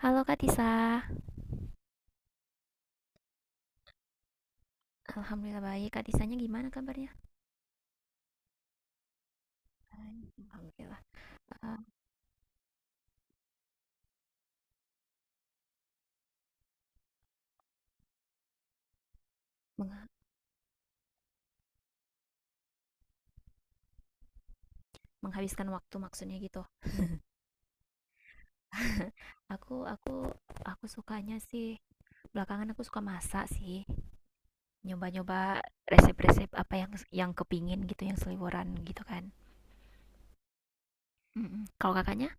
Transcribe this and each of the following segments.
Halo Kak Tisa. Alhamdulillah baik. Kak Tisanya gimana kabarnya? Baik, Alhamdulillah. Uh, mengha- Menghabiskan waktu maksudnya gitu. Aku aku aku sukanya sih belakangan aku suka masak sih. Nyoba-nyoba resep-resep apa yang kepingin gitu, yang seliburan gitu kan. Mm-mm. Kalau kakaknya?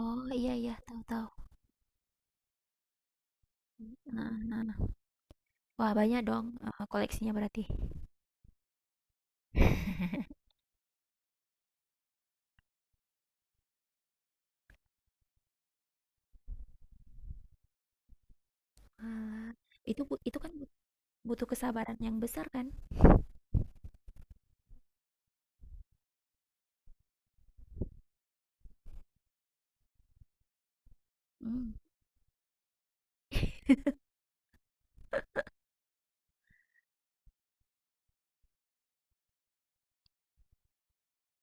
Oh, iya iya, tahu-tahu. Nah, nah, nah. Wah, banyak dong, koleksinya berarti. Wah, itu kan butuh kesabaran yang besar kan? Hmm.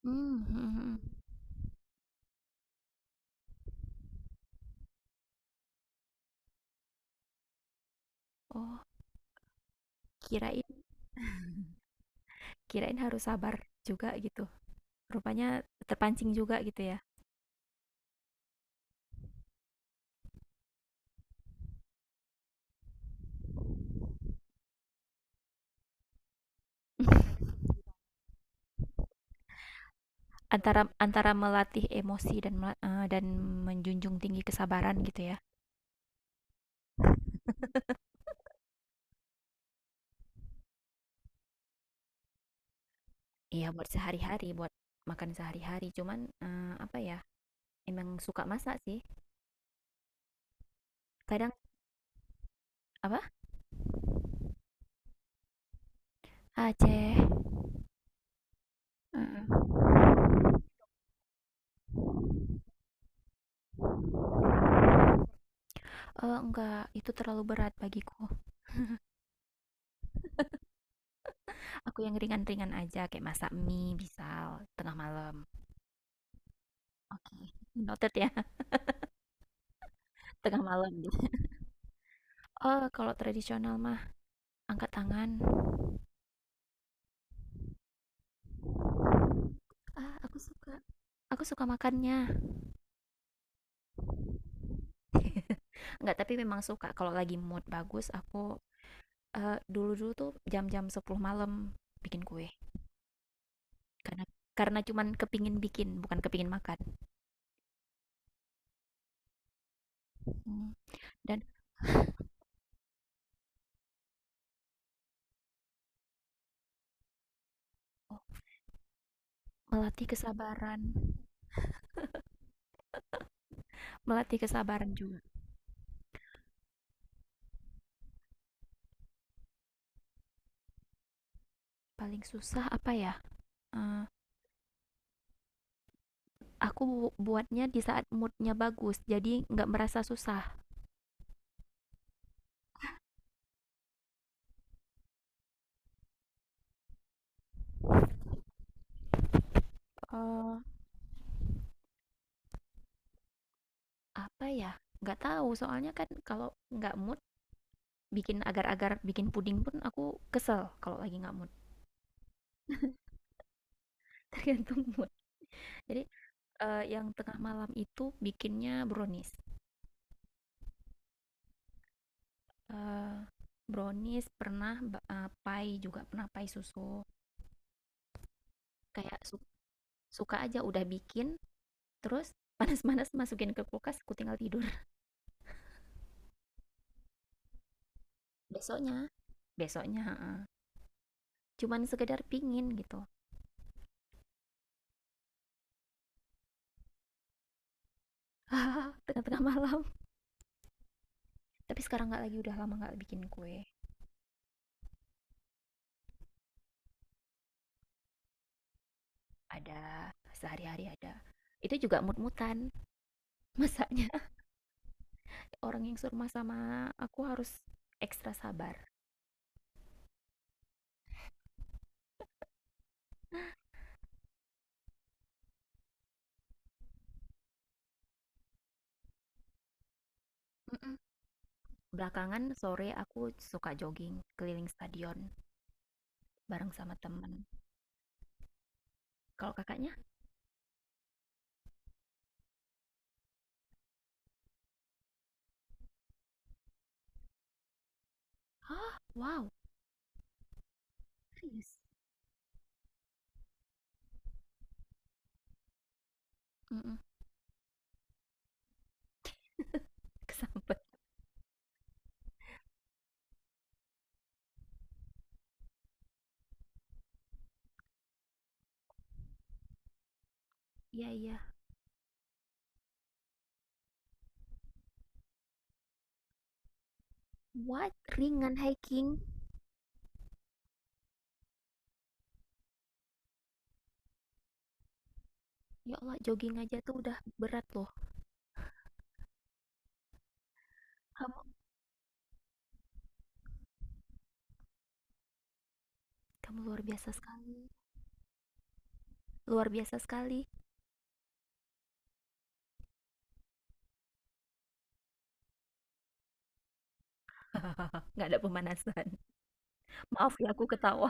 Mmm, mhm mhm. Oh, kirain kirain harus sabar juga gitu. Rupanya terpancing juga gitu ya? Antara antara melatih emosi dan menjunjung tinggi kesabaran gitu ya? Iya, buat sehari-hari, buat makan sehari-hari. Cuman, apa ya, emang suka masak sih. Kadang apa? Aceh. Mhm. Enggak, itu terlalu berat bagiku. Aku yang ringan-ringan aja, kayak masak mie misal, tengah malam. Oke, noted ya, tengah malam. Oh, kalau tradisional mah angkat tangan. Ah, aku suka. Aku suka makannya. Enggak, tapi memang suka kalau lagi mood bagus aku dulu-dulu tuh jam-jam 10 malam bikin kue. Karena karena cuman kepingin bikin, bukan kepingin makan. Hmm. Dan oh, melatih kesabaran. Melatih kesabaran juga. Paling susah apa ya? Eh, aku buatnya di saat moodnya bagus, jadi nggak merasa susah. Apa ya? Nggak tahu, soalnya kan kalau nggak mood, bikin agar-agar bikin puding pun aku kesel kalau lagi nggak mood. Tergantung mood. Jadi, yang tengah malam itu bikinnya brownies, eee, brownies pernah, pai juga pernah, pai susu. Kayak suka aja udah bikin, terus panas-panas masukin ke kulkas, aku tinggal tidur. Besoknya besoknya heeh, cuman sekedar pingin gitu, tengah-tengah malam. Tapi sekarang nggak lagi, udah lama nggak bikin kue. Ada, sehari-hari ada. Itu juga mut-mutan, masaknya, orang yang surma sama aku harus ekstra sabar. Mhm, belakangan sore aku suka jogging keliling stadion bareng sama temen. Kalau Kakaknya? Hah, wow, serius? Mhm, kesambet. Iya, iya. What? Ringan hiking? Ya Allah, jogging aja tuh udah berat loh. Kamu kamu luar biasa sekali, luar biasa sekali. Nggak ada pemanasan. Maaf ya aku ketawa,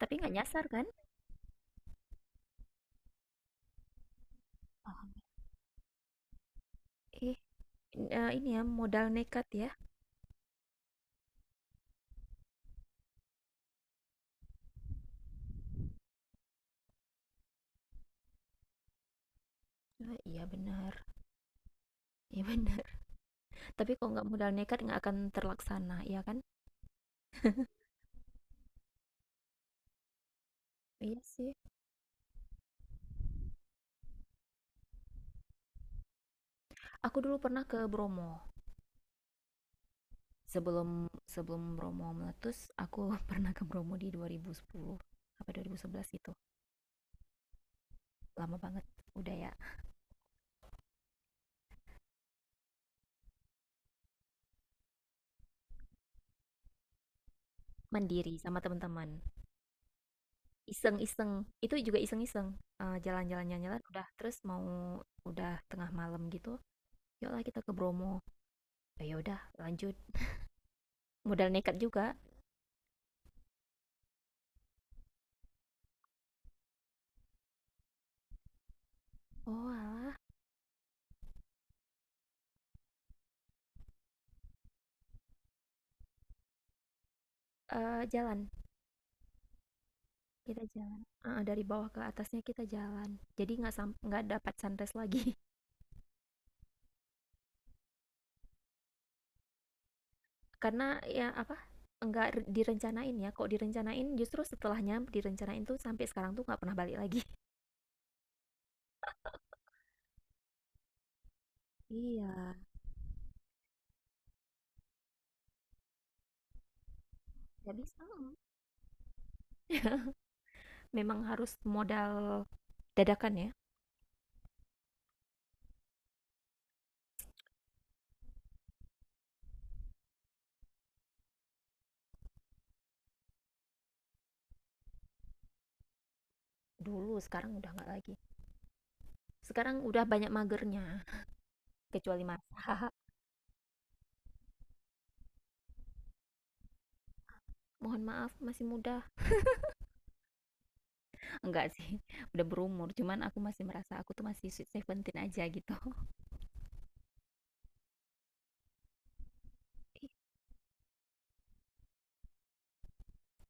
tapi nggak nyasar kan? eh ini ya modal nekat ya? Iya benar, iya benar. Tapi kalau nggak modal nekat nggak akan terlaksana, ya kan? Iya sih. Aku dulu pernah ke Bromo. Sebelum sebelum Bromo meletus, aku pernah ke Bromo di 2010 apa 2011 gitu, lama banget. Udah ya, mandiri sama teman-teman, iseng-iseng, itu juga iseng-iseng, jalan-jalan udah, terus mau udah tengah malam gitu, "Yuklah kita ke Bromo." "Oh ya udah, lanjut." Modal nekat juga. Oalah. Eee, jalan, Kita jalan, heeh, dari bawah ke atasnya kita jalan. Jadi nggak dapat sunrise lagi. Karena ya, apa, nggak direncanain ya, kok direncanain justru setelahnya direncanain tuh sampai sekarang tuh nggak pernah balik lagi. Iya, nggak bisa, mhm. Memang harus modal dadakan ya, dulu, sekarang udah nggak lagi. Sekarang udah banyak magernya, kecuali masak. Mohon maaf, masih muda. Enggak sih, udah berumur, cuman aku masih merasa aku tuh masih sweet seventeen aja gitu. Ih,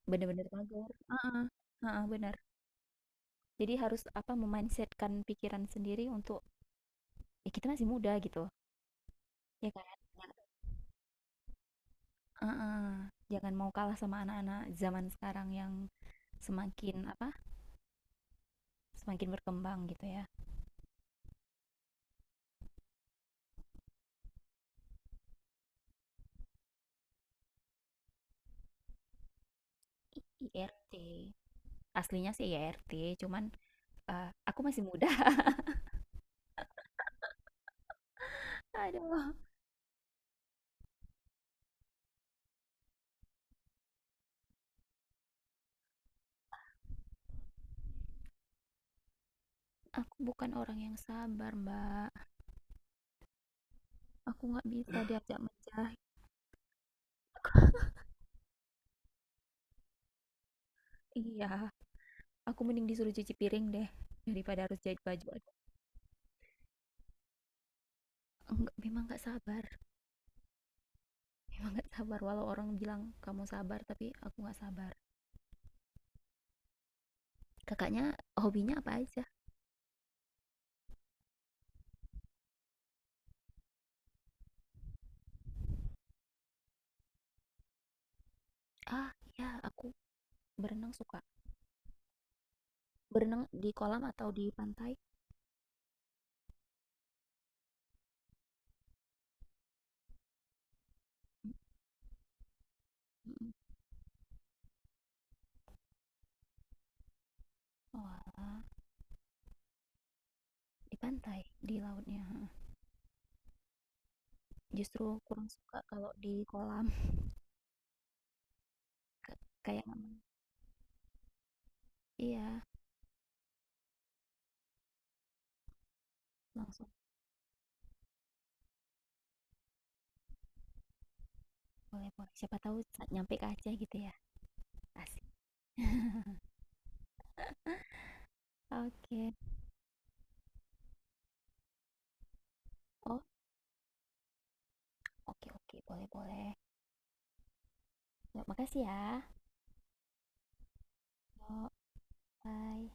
bener-bener mager. Heeh, benar. Jadi harus apa memindsetkan pikiran sendiri untuk ya kita masih muda gitu. Ya kan? Heeh. Jangan mau kalah sama anak-anak zaman sekarang yang semakin apa? Semakin berkembang gitu ya. IRT. Aslinya sih IRT, cuman aku masih muda. Aduh, aku bukan orang yang sabar, Mbak. Aku nggak bisa diajak menjahit. Iya, aku mending disuruh cuci piring deh daripada harus jahit baju. Aduh, enggak, memang nggak sabar. Emang nggak sabar walau orang bilang kamu sabar, tapi aku nggak sabar. Kakaknya hobinya apa aja? Ah ya, aku suka berenang di kolam atau di pantai. Mm, oh, di pantai, di lautnya justru kurang suka kalau di kolam. Kayak iya, langsung, boleh boleh, siapa tahu saat nyampe ke Aceh gitu ya. Asik. Oke, okay. Oh, oke, okay, oke, boleh boleh. Ya, makasih ya. Yuk, bye.